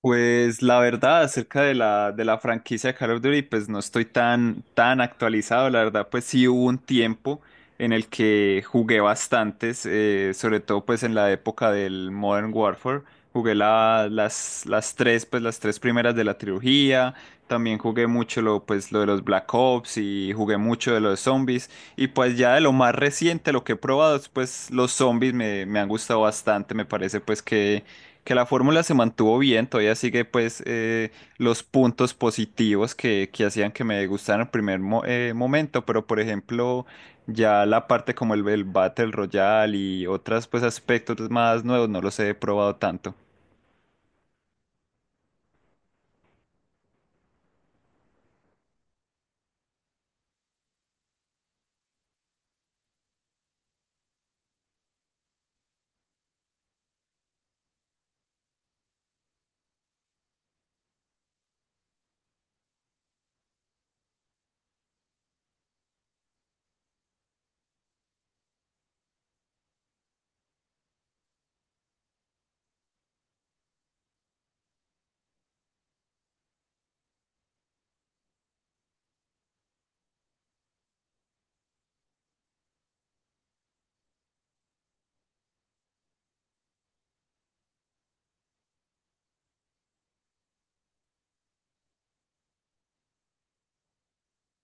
Pues la verdad, acerca de la franquicia de Call of Duty, pues no estoy tan actualizado. La verdad, pues sí hubo un tiempo en el que jugué bastantes, sobre todo pues en la época del Modern Warfare. Jugué las tres, pues las tres primeras de la trilogía. También jugué mucho lo, pues, lo de los Black Ops y jugué mucho de los zombies. Y pues ya de lo más reciente, lo que he probado, es, pues los me han gustado bastante. Me parece pues que la fórmula se mantuvo bien, todavía sigue pues los puntos positivos que hacían que me gustaran en momento, pero por ejemplo ya la parte como el Battle Royale y otros pues aspectos más nuevos no los he probado tanto.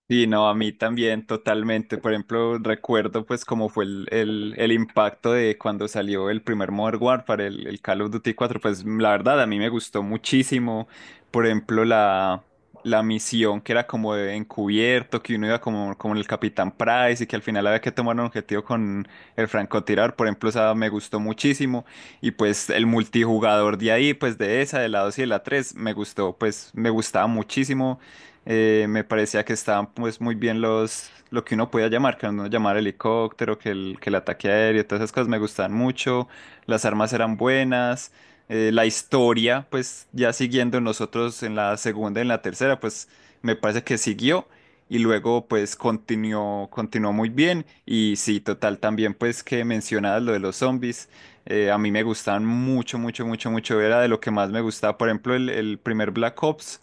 Sí, no, a mí también totalmente. Por ejemplo, recuerdo pues cómo fue el impacto de cuando salió el primer Modern Warfare, el Call of Duty cuatro. Pues la verdad a mí me gustó muchísimo. Por ejemplo, la misión que era como de encubierto, que uno iba como, como el Capitán Price y que al final había que tomar un objetivo con el francotirador, por ejemplo, esa me gustó muchísimo. Y pues el multijugador de ahí, pues de esa, de la 2 y de la 3, me gustó, pues me gustaba muchísimo me parecía que estaban pues muy bien los, lo que uno podía llamar, que uno llamar helicóptero, que el ataque aéreo, todas esas cosas me gustaban mucho, las armas eran buenas, la historia, pues ya siguiendo nosotros en la segunda y en la tercera, pues me parece que siguió y luego pues continuó muy bien y sí, total, también pues que mencionabas lo de los zombies. A mí me gustaban mucho, mucho, mucho, mucho. Era de lo que más me gustaba. Por ejemplo, el primer Black Ops.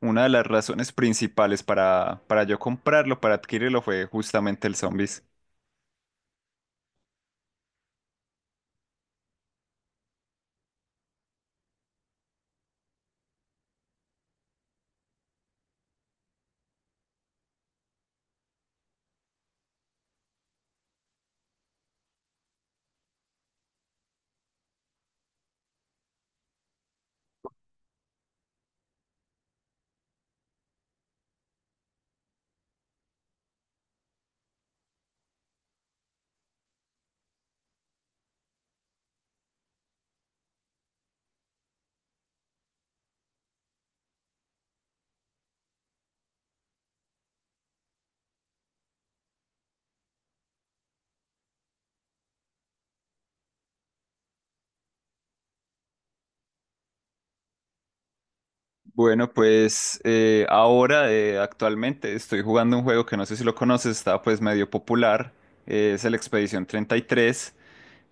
Una de las razones principales para yo comprarlo, para adquirirlo, fue justamente el Zombies. Bueno, pues ahora, actualmente, estoy jugando un juego que no sé si lo conoces, está pues medio popular, es el Expedición 33.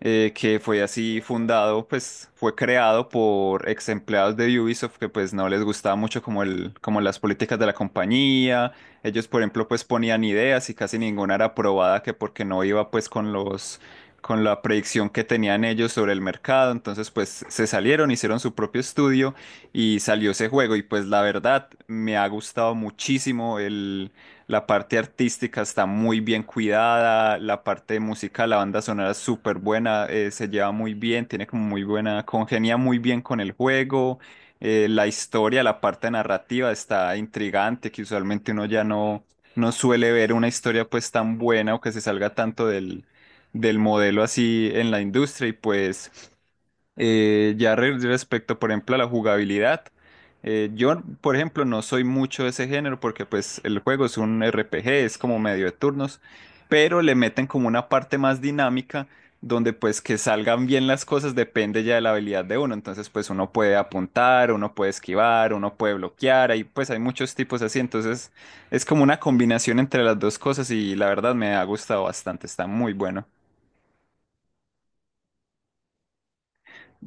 Que fue así fundado, pues fue creado por ex empleados de Ubisoft que pues no les gustaba mucho como como las políticas de la compañía. Ellos, por ejemplo, pues ponían ideas y casi ninguna era aprobada que porque no iba pues con los con la predicción que tenían ellos sobre el mercado, entonces pues se salieron, hicieron su propio estudio y salió ese juego y pues la verdad me ha gustado muchísimo. La parte artística está muy bien cuidada, la parte musical, la banda sonora es súper buena, se lleva muy bien, tiene como muy buena, congenia muy bien con el juego, la historia, la parte narrativa está intrigante, que usualmente uno ya no, no suele ver una historia pues tan buena o que se salga tanto del, del modelo así en la industria y pues... Ya respecto, por ejemplo, a la jugabilidad, yo, por ejemplo, no soy mucho de ese género porque pues el juego es un RPG, es como medio de turnos, pero le meten como una parte más dinámica donde pues que salgan bien las cosas depende ya de la habilidad de uno, entonces pues uno puede apuntar, uno puede esquivar, uno puede bloquear, ahí pues hay muchos tipos así, entonces es como una combinación entre las dos cosas y la verdad me ha gustado bastante, está muy bueno.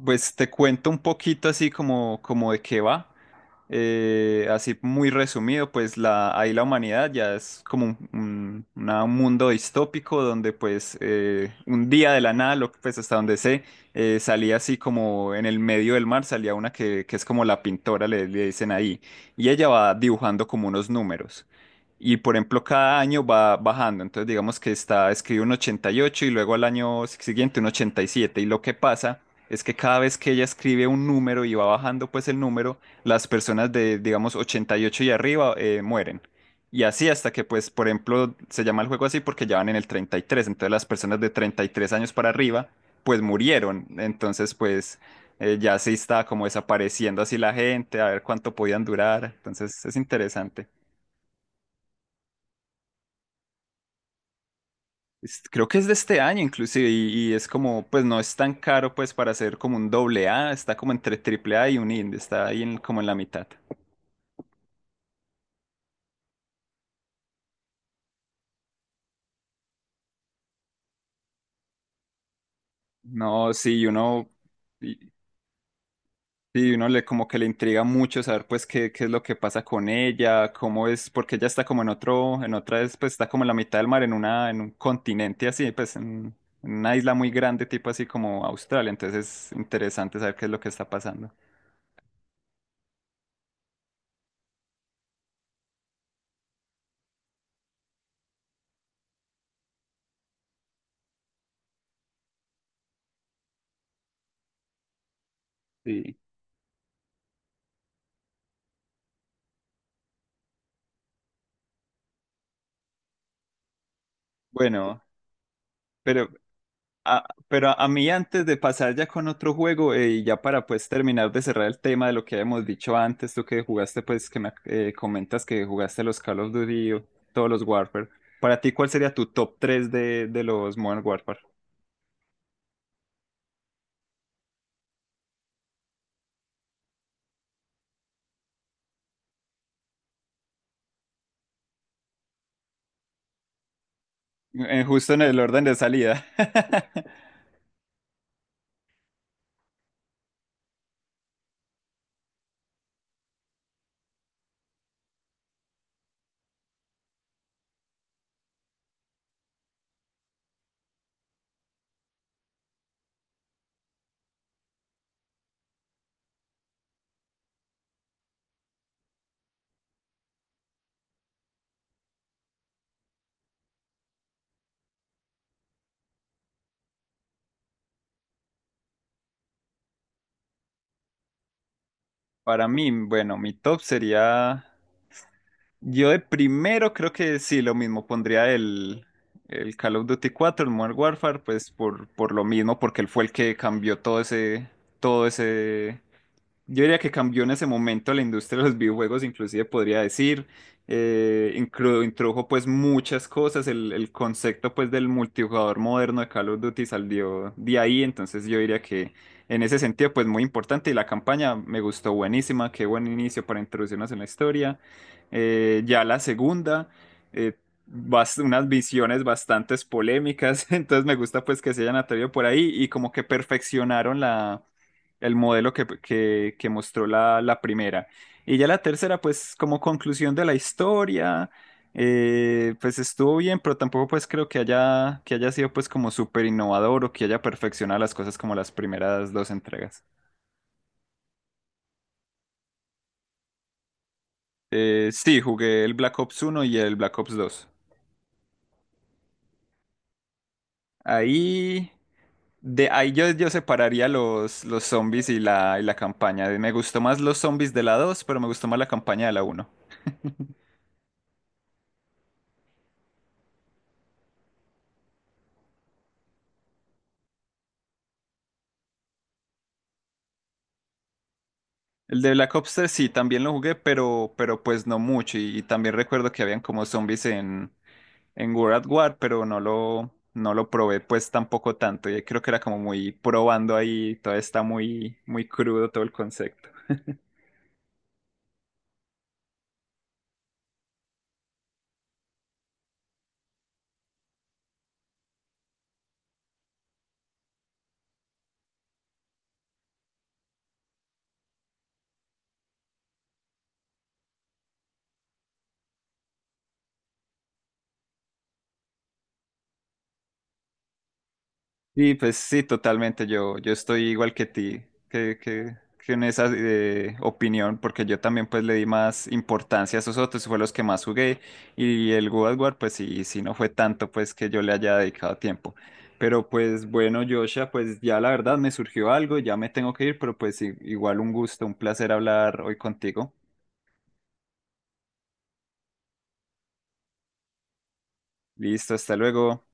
Pues te cuento un poquito así como, como de qué va. Así muy resumido, pues la, ahí la humanidad ya es como un mundo distópico donde pues un día de la nada, lo, pues hasta donde sé, salía así como en el medio del mar, salía una que es como la pintora, le dicen ahí, y ella va dibujando como unos números. Y por ejemplo, cada año va bajando. Entonces, digamos que está, escribe un 88 y ocho y luego al año siguiente un 87. Y siete. Y lo que pasa es que cada vez que ella escribe un número y va bajando pues el número, las personas de, digamos, ochenta y ocho y arriba mueren. Y así hasta que, pues, por ejemplo, se llama el juego así porque ya van en el treinta y tres. Entonces las personas de 33 años para arriba, pues murieron. Entonces, pues, ya se está como desapareciendo así la gente, a ver cuánto podían durar. Entonces es interesante. Creo que es de este año inclusive y es como, pues no es tan caro pues para hacer como un doble A, está como entre triple A y un indie, está ahí como en la mitad. No, sí, y, Sí, uno le como que le intriga mucho saber pues qué, qué es lo que pasa con ella, cómo es, porque ella está como en otro, en otra vez, pues está como en la mitad del mar, en una, en un continente así, pues en una isla muy grande, tipo así como Australia, entonces es interesante saber qué es lo que está pasando. Sí. Bueno, pero pero a mí antes de pasar ya con otro juego y ya para pues terminar de cerrar el tema de lo que habíamos dicho antes, tú que jugaste pues que me comentas que jugaste los Call of Duty, o todos los Warfare, para ti ¿cuál sería tu top tres de los Modern Warfare? Justo en el orden de salida. Para mí, bueno, mi top sería. Yo de primero creo que sí, lo mismo, pondría el Call of Duty cuatro, el Modern Warfare, pues por lo mismo, porque él fue el que cambió todo ese, yo diría que cambió en ese momento la industria de los videojuegos, inclusive podría decir, introdujo pues muchas cosas, el concepto pues del multijugador moderno de Call of Duty salió de ahí, entonces yo diría que en ese sentido pues muy importante y la campaña me gustó buenísima, qué buen inicio para introducirnos en la historia. Ya la segunda, eh, unas visiones bastante polémicas, entonces me gusta pues que se hayan atrevido por ahí y como que perfeccionaron la el modelo que mostró la primera. Y ya la tercera, pues como conclusión de la historia, pues estuvo bien, pero tampoco pues creo que haya sido pues como súper innovador o que haya perfeccionado las cosas como las primeras dos entregas. Sí, jugué el Black Ops uno y el Black Ops dos. Ahí, de, ahí yo, yo separaría los zombies y y la campaña. Me gustó más los zombies de la 2 pero me gustó más la campaña de la uno. El de Black Ops tres sí, también lo jugué, pero pues no mucho. Y también recuerdo que habían como zombies en World at War, pero no lo probé pues tampoco tanto. Yo creo que era como muy probando ahí, todavía está muy, muy crudo todo el concepto. Y pues sí, totalmente. Yo estoy igual que ti, que en esa opinión, porque yo también pues le di más importancia a esos otros, fue los que más jugué. Y el God of War, pues sí, sí no fue tanto pues que yo le haya dedicado tiempo. Pero pues bueno, Joshua, pues ya la verdad me surgió algo, ya me tengo que ir, pero pues igual un gusto, un placer hablar hoy contigo. Listo, hasta luego.